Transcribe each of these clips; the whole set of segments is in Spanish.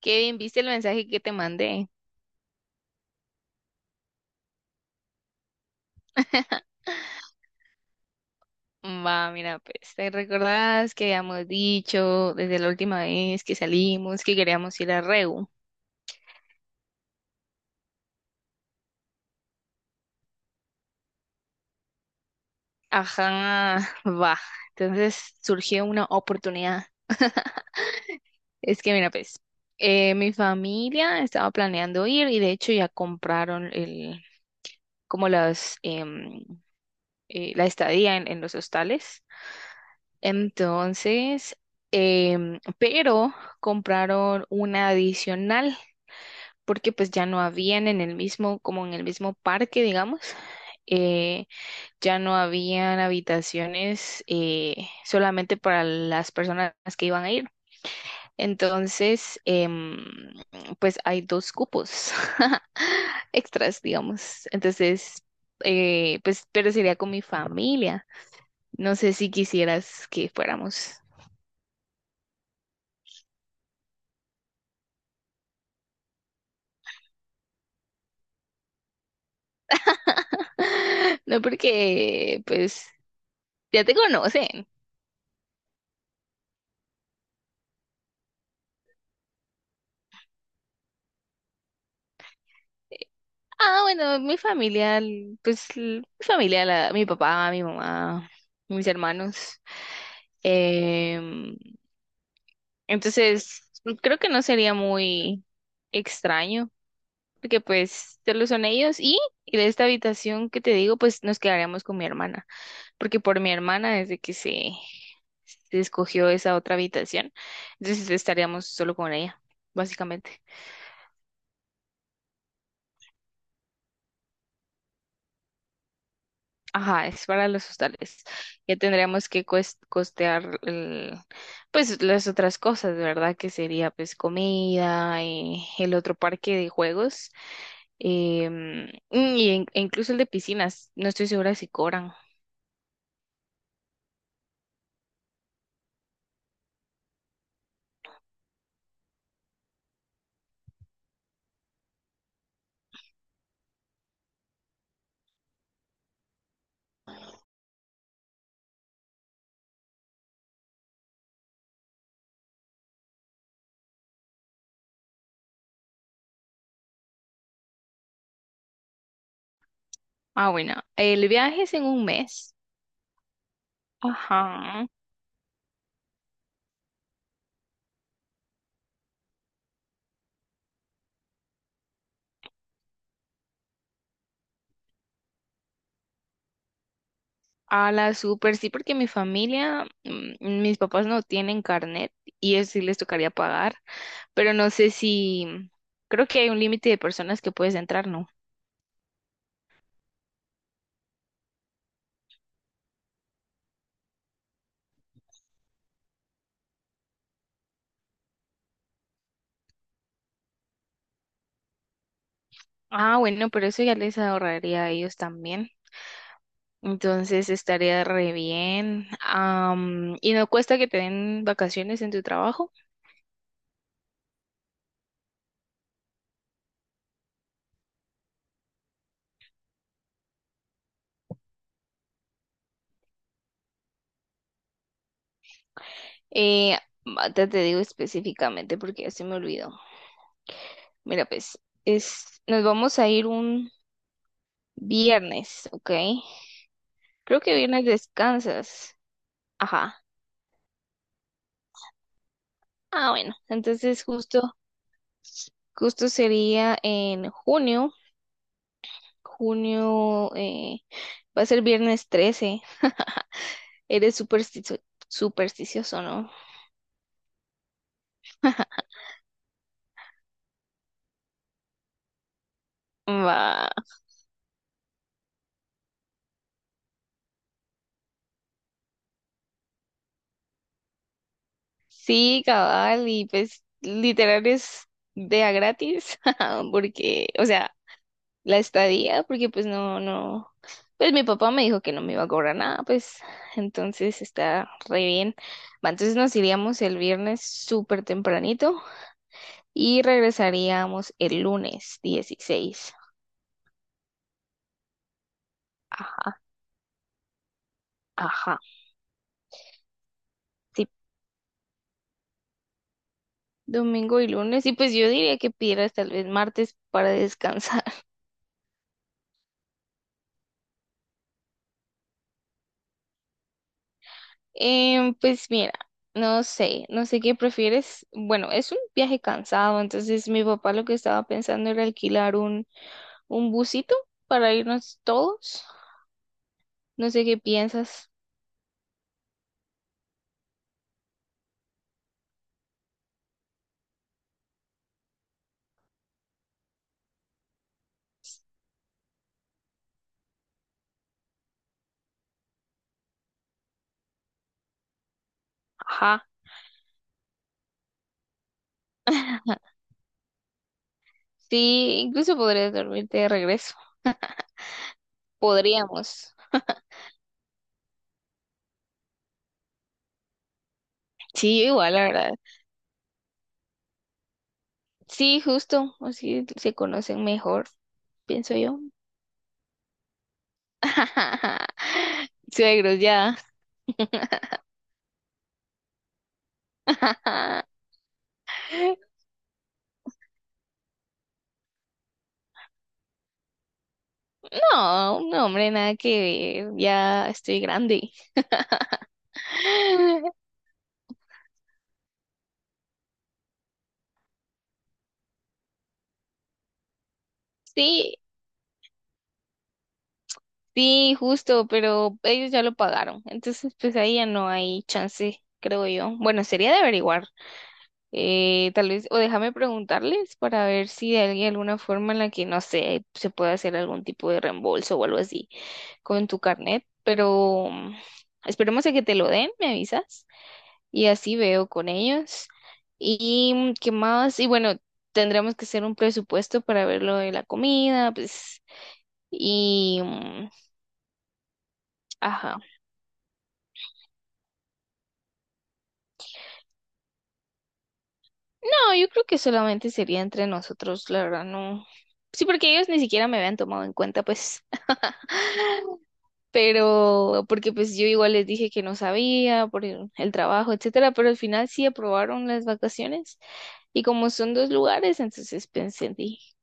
Kevin, ¿viste el mensaje que te mandé? Va, mira, pues, ¿te recordás que habíamos dicho desde la última vez que salimos que queríamos ir a Reu? Ajá, va. Entonces surgió una oportunidad. Es que, mira, pues, mi familia estaba planeando ir y de hecho ya compraron el, como las, la estadía en los hostales. Entonces, pero compraron una adicional, porque pues ya no habían en el mismo, como en el mismo parque, digamos, eh, ya no habían habitaciones solamente para las personas que iban a ir. Entonces, pues hay dos cupos extras, digamos. Entonces, pues, pero sería con mi familia. No sé si quisieras que fuéramos. No, porque pues ya te conocen. Ah, bueno, mi familia, pues mi familia, la- mi papá, mi mamá, mis hermanos. Em, entonces, creo que no sería muy extraño, porque pues solo son ellos y de esta habitación que te digo, pues nos quedaríamos con mi hermana, porque por mi hermana desde que se escogió esa otra habitación, entonces estaríamos solo con ella, básicamente. Ajá, es para los hostales. Ya tendríamos que cues- costear el- pues las otras cosas, ¿verdad? Que sería pues comida, el otro parque de juegos, y en- e incluso el de piscinas. No estoy segura si cobran. Ah, bueno, el viaje es en un mes. Ajá. A la super, sí, porque mi familia, mm, mis papás no tienen carnet y eso sí les tocaría pagar, pero no sé si, creo que hay un límite de personas que puedes entrar, ¿no? Ah, bueno, pero eso ya les ahorraría a ellos también. Entonces estaría re bien. Am, y no cuesta que te den vacaciones en tu trabajo. Eh, ahorita te digo específicamente porque ya se me olvidó. Mira, pues, es, nos vamos a ir un viernes, ¿ok? Creo que viernes descansas. Ajá. Ah, bueno. Entonces justo, justo sería en junio. Junio, va a ser viernes 13. Eres supersticio- supersticioso, ¿no? Va. Sí, cabal, y pues literal es de a gratis, porque, o sea, la estadía, porque pues no, no, pues mi papá me dijo que no me iba a cobrar nada, pues entonces está re bien. Va, entonces nos iríamos el viernes súper tempranito y regresaríamos el lunes 16. Ajá, ajá. Sí, domingo y lunes, y pues yo diría que pidieras tal vez martes para descansar. Pues mira, no sé, no sé qué prefieres. Bueno, es un viaje cansado, entonces mi papá lo que estaba pensando era alquilar un busito para irnos todos. No sé qué piensas. Ajá. Sí, incluso podrías dormirte de regreso. Podríamos. Sí, igual, la verdad. Sí, justo, así se conocen mejor, pienso yo. Suegros, ya. No, no, hombre, nada que ver, ya estoy grande. Sí, sí, justo, pero ellos ya lo pagaron, entonces pues ahí ya no hay chance, creo yo. Bueno, sería de averiguar, tal vez, o déjame preguntarles para ver si hay alguna forma en la que, no sé, se puede hacer algún tipo de reembolso o algo así con tu carnet, pero mm, esperemos a que te lo den, ¿me avisas? Y así veo con ellos. ¿Y mm, qué más? Y bueno, tendremos que hacer un presupuesto para ver lo de la comida, pues, y, mm, ajá. No, yo creo que solamente sería entre nosotros, la verdad, no. Sí, porque ellos ni siquiera me habían tomado en cuenta, pues, pero porque pues yo igual les dije que no sabía por el trabajo, etcétera, pero al final sí aprobaron las vacaciones y como son dos lugares, entonces pensé, en ti.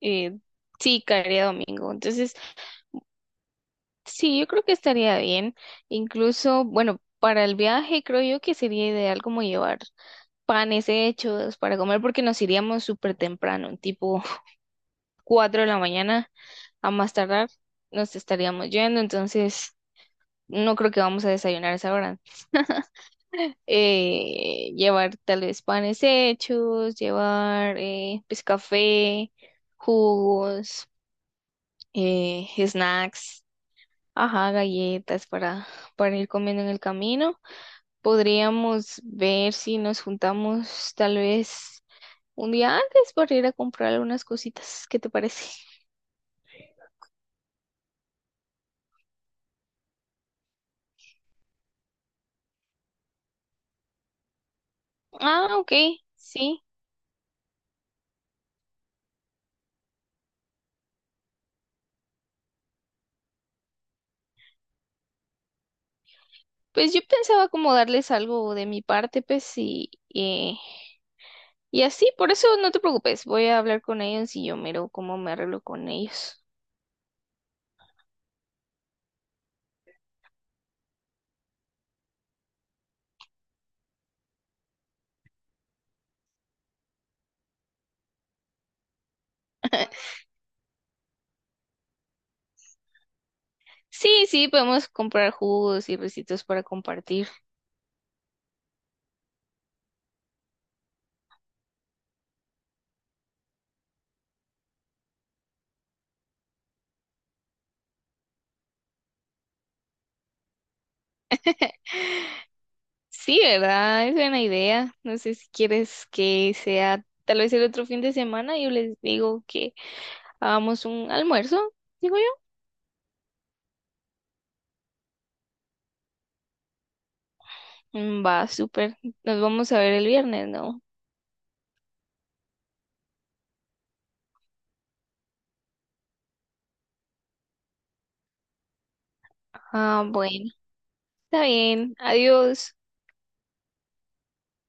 eh, sí, caería domingo, entonces sí, yo creo que estaría bien. Incluso, bueno, para el viaje creo yo que sería ideal como llevar panes hechos para comer porque nos iríamos súper temprano, tipo 4 de la mañana a más tardar nos estaríamos yendo, entonces no creo que vamos a desayunar a esa hora. Llevar tal vez panes hechos, llevar pues café, jugos, snacks, ajá, galletas para ir comiendo en el camino. Podríamos ver si nos juntamos tal vez un día antes para ir a comprar algunas cositas. ¿Qué te parece? Ah, ok, sí. Pues yo pensaba como darles algo de mi parte, pues, y así, por eso no te preocupes, voy a hablar con ellos y yo miro cómo me arreglo con ellos. Sí, sí, podemos comprar jugos y recitos para compartir. Sí, ¿verdad? Es buena idea. No sé si quieres que sea tal vez el otro fin de semana, yo les digo que hagamos un almuerzo, digo yo. Mm, va, súper. Nos vamos a ver el viernes, ¿no? Ah, bueno. Está bien. Adiós.